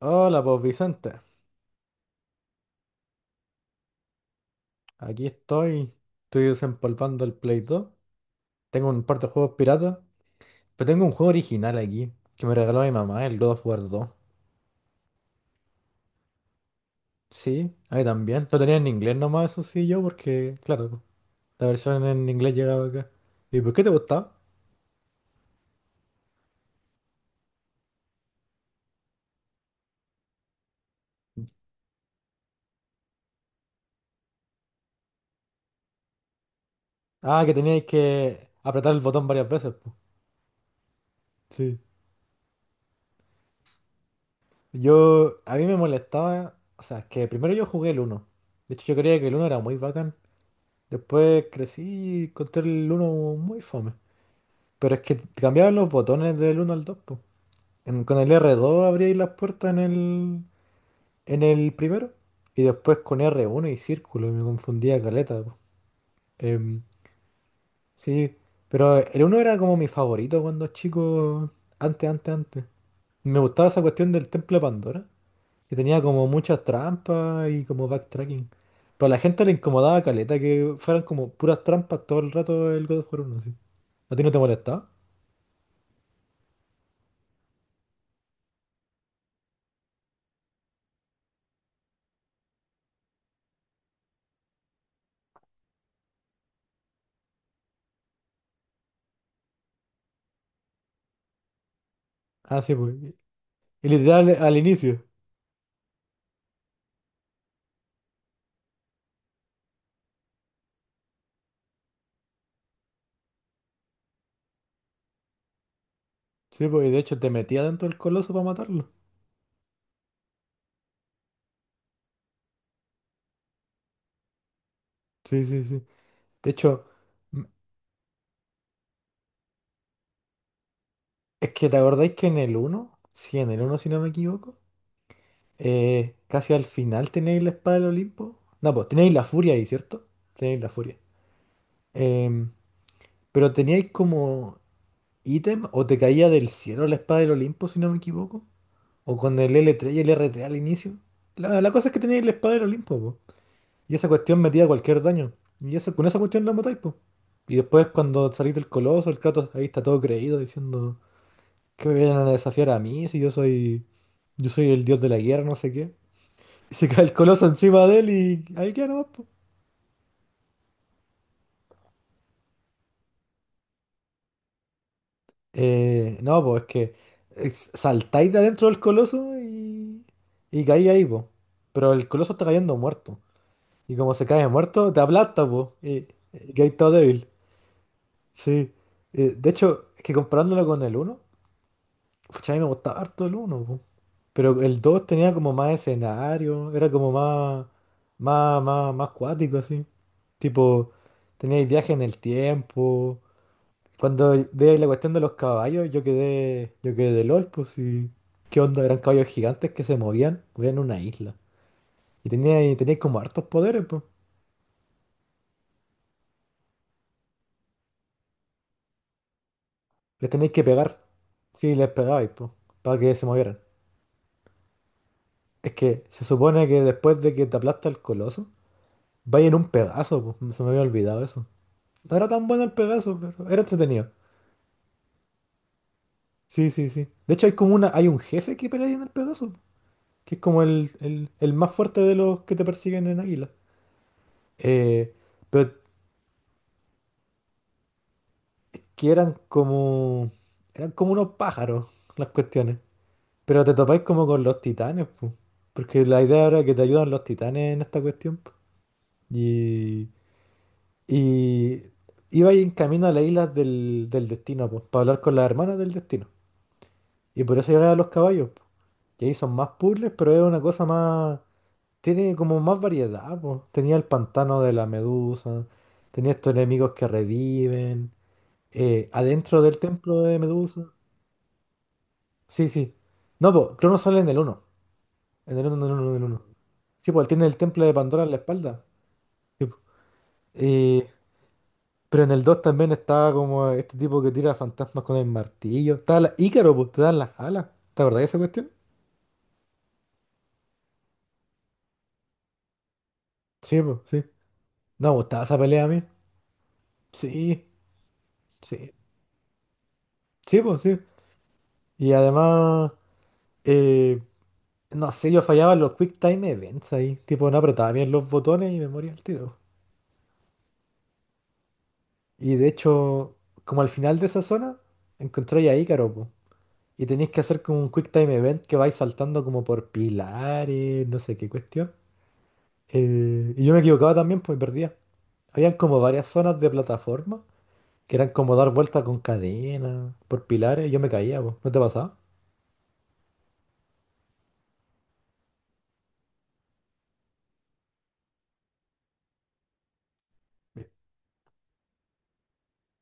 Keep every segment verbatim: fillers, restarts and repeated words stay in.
Hola, pues Vicente. Aquí estoy. Estoy desempolvando el Play dos. Tengo un par de juegos piratas. Pero tengo un juego original aquí que me regaló mi mamá, el God of War dos. Sí, ahí también. Lo tenía en inglés nomás, eso sí, yo, porque, claro, la versión en inglés llegaba acá. ¿Y por qué te gustaba? Ah, que teníais que apretar el botón varias veces, pues. Sí. Yo, a mí me molestaba. O sea, que primero yo jugué el uno. De hecho, yo creía que el uno era muy bacán. Después crecí y encontré el uno muy fome. Pero es que cambiaban los botones del uno al dos, po. En- con el r dos abríais las puertas en el, en el primero y después con r uno y círculo, y me confundía caleta, po. Em, sí, pero el uno era como mi favorito cuando chico, antes, antes, antes. Me gustaba esa cuestión del templo de Pandora, que tenía como muchas trampas y como backtracking. Pero a la gente le incomodaba caleta que fueran como puras trampas todo el rato el God of War uno, así. ¿A ti no te molestaba? Ah, sí, pues. Y literal al inicio. Sí, pues y de hecho te metía dentro del coloso para matarlo. Sí, sí, sí. De hecho, m- es que te acordáis que en el uno sí, en el uno si no me equivoco, eh, casi al final tenéis la espada del Olimpo. No, pues tenéis la furia ahí, ¿cierto? Tenéis la furia. Em, pero teníais como ítem o te caía del cielo la espada del Olimpo si no me equivoco. O con el L tres y el R tres al inicio. La, la cosa es que teníais la espada del Olimpo, y esa cuestión metía cualquier daño. Y eso, con esa cuestión la matáis, po. Y después cuando salís del coloso, el Kratos ahí está todo creído diciendo que me vienen a desafiar a mí si yo soy. Yo soy el dios de la guerra, no sé qué. Y se cae el coloso encima de él y ahí queda nomás, po. Eh, no, pues es que es- saltáis de adentro del coloso y, y caí ahí, po. Pero el coloso está cayendo muerto. Y como se cae muerto, te aplasta, po. Y, y caí todo débil. Sí. Eh, de hecho, es que comparándolo con el uno Pucha, a mí me gustaba harto el uno po. Pero el dos tenía como más escenario, era como más, más, más, más cuático, así. Tipo, teníais viaje en el tiempo. Cuando de la cuestión de los caballos, yo quedé, yo quedé de LOL, pues sí, ¿qué onda? Eran caballos gigantes que se movían, vivían en una isla. Y teníais, teníais como hartos poderes, pues. Les teníais que pegar. Sí, les pegabais, pues, para que se movieran. Es que se supone que después de que te aplasta el coloso, Vaya en un Pegaso, po, no Se me había olvidado eso. No era tan bueno el Pegaso, pero era entretenido. Sí, sí, sí. De hecho, hay como una, hay un jefe que pelea en el Pegaso, que es como el, el- el más fuerte de los que te persiguen en Águila. Eh, pero que eran como, eran como unos pájaros las cuestiones. Pero te topáis como con los titanes, po. Porque la idea era que te ayudan los titanes en esta cuestión, po. Y, y iba ahí en camino a las islas del, del destino, pues, para hablar con las hermanas del destino. Y por eso llegan los caballos. po. Y ahí son más puzzles, pero es una cosa más... Tiene como más variedad, po. Tenía el pantano de la medusa, tenía estos enemigos que reviven, eh, adentro del templo de Medusa. Sí, sí. No, pues, Crono sale en el uno. En el uno, en el uno, en el uno, Sí, pues él tiene el templo de Pandora en la espalda. Sí, po. Eh, pero en el dos también está como este tipo que tira fantasmas con el martillo. Está la Ícaro, pues, te dan las alas. ¿Te acordás de esa cuestión? Sí, pues, sí. No, me gustaba esa pelea a mí. Sí, sí, sí, pues sí. Y además, eh, no sé, yo fallaba en los Quick Time Events ahí. Tipo, no apretaba bien los botones y me moría al tiro. Y de hecho, como al final de esa zona, encontré a Ícaro, po. Y tenéis que hacer como un Quick Time Event que vais saltando como por pilares, no sé qué cuestión. Eh, y yo me equivocaba también, pues perdía. Habían como varias zonas de plataforma que eran como dar vueltas con cadena, por pilares, y yo me caía, pues. ¿No te pasaba?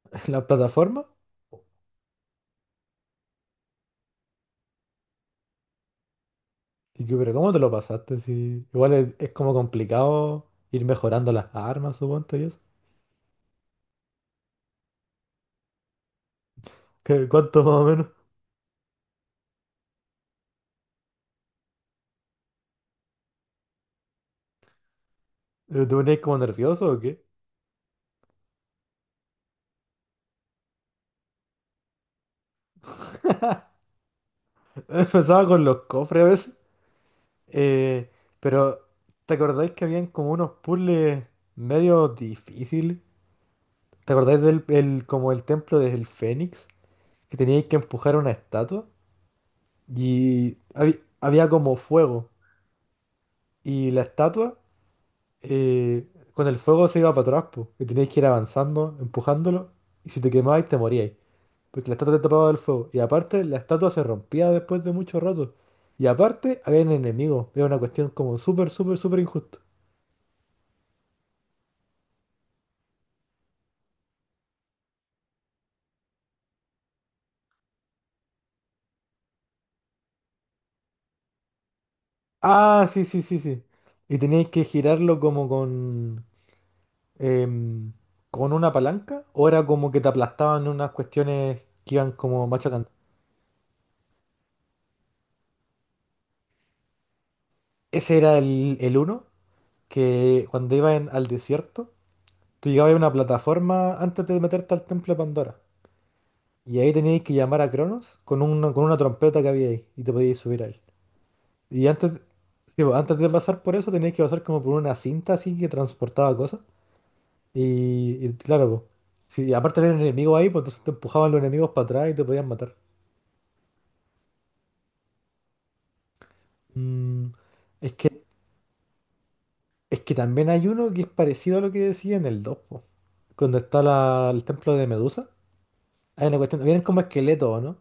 ¿La plataforma? Y yo, pero, ¿cómo te lo pasaste? Si igual es, es como complicado ir mejorando las armas, suponte y eso. ¿Qué- ¿Cuánto más o menos? Eh, ¿Te ponías como nervioso o qué? Empezaba con los cofres a veces. Eh, pero, ¿te acordáis que habían como unos puzzles medio difíciles? ¿Te acordáis del el- como el templo del Fénix? Que teníais que empujar una estatua. Y había, había como fuego. Y la estatua eh, con el fuego se iba para atrás, po, y teníais que ir avanzando, empujándolo, y si te quemabais te moríais, porque la estatua te tapaba del fuego. Y aparte, la estatua se rompía después de mucho rato. Y aparte, había enemigos. Era una cuestión como súper, súper, súper injusta. Ah, sí, sí, sí, sí. Y teníais que girarlo como con... em, con una palanca, o era como que te aplastaban unas cuestiones que iban como machacando. Ese era el, el uno, que cuando iban al desierto Tú llegabas a una plataforma antes de meterte al templo de Pandora. Y ahí teníais que llamar a Cronos con una, con una trompeta que había ahí. Y te podíais subir a él. Y antes, sí, pues, antes de pasar por eso teníais que pasar como por una cinta así que transportaba cosas. Y, y claro, pues, si aparte había un enemigo ahí, pues entonces te empujaban los enemigos para atrás y te podían matar. Mm, es que, es que también hay uno que es parecido a lo que decía en el dos po. Cuando está la- el templo de Medusa. Hay una cuestión, vienen como esqueletos, ¿o ¿no?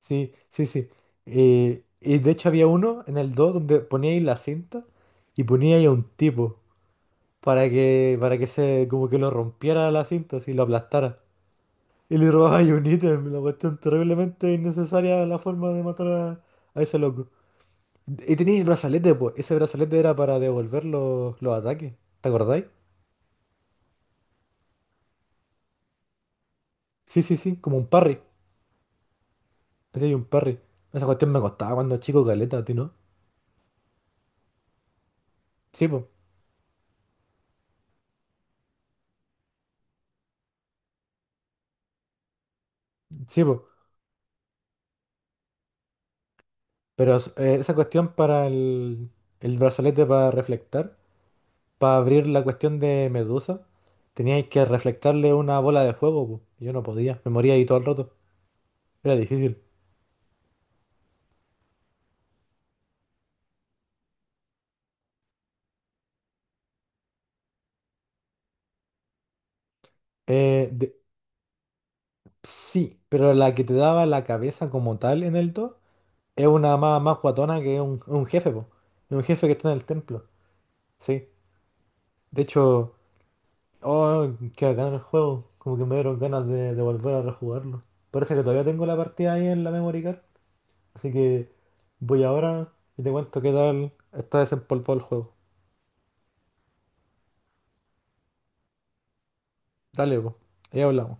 Sí, sí, sí. Eh, y de hecho había uno en el dos donde ponía ahí la cinta y ponía ahí a un tipo para que, para que se como que lo rompiera la cinta, así lo aplastara. Y le robaba ahí un ítem, una cuestión terriblemente innecesaria la forma de matar a, a ese loco. Y tenía el brazalete, pues. Ese brazalete era para devolver los, los ataques. ¿Te acordáis? Sí, sí, sí, como un parry. Así hay un parry. Esa cuestión me costaba cuando chico caleta, ¿a ti no? Sí, pues. Sí, pues. Pero es- eh, esa cuestión para el, el brazalete para reflectar, para abrir la cuestión de Medusa, teníais que reflectarle una bola de fuego, po. y Yo no podía, me moría ahí todo el rato. Era difícil. Eh, de- sí, pero la que te daba la cabeza como tal en el dos es una más, más guatona que un, un jefe, po. Es un jefe que está en el templo. Sí. De hecho, oh, qué bacán el juego. Como que me dieron ganas de, de volver a rejugarlo. Parece que todavía tengo la partida ahí en la memory card. Así que voy ahora y te cuento qué tal está desempolvado el juego. Dale, pues. Ahí hablamos.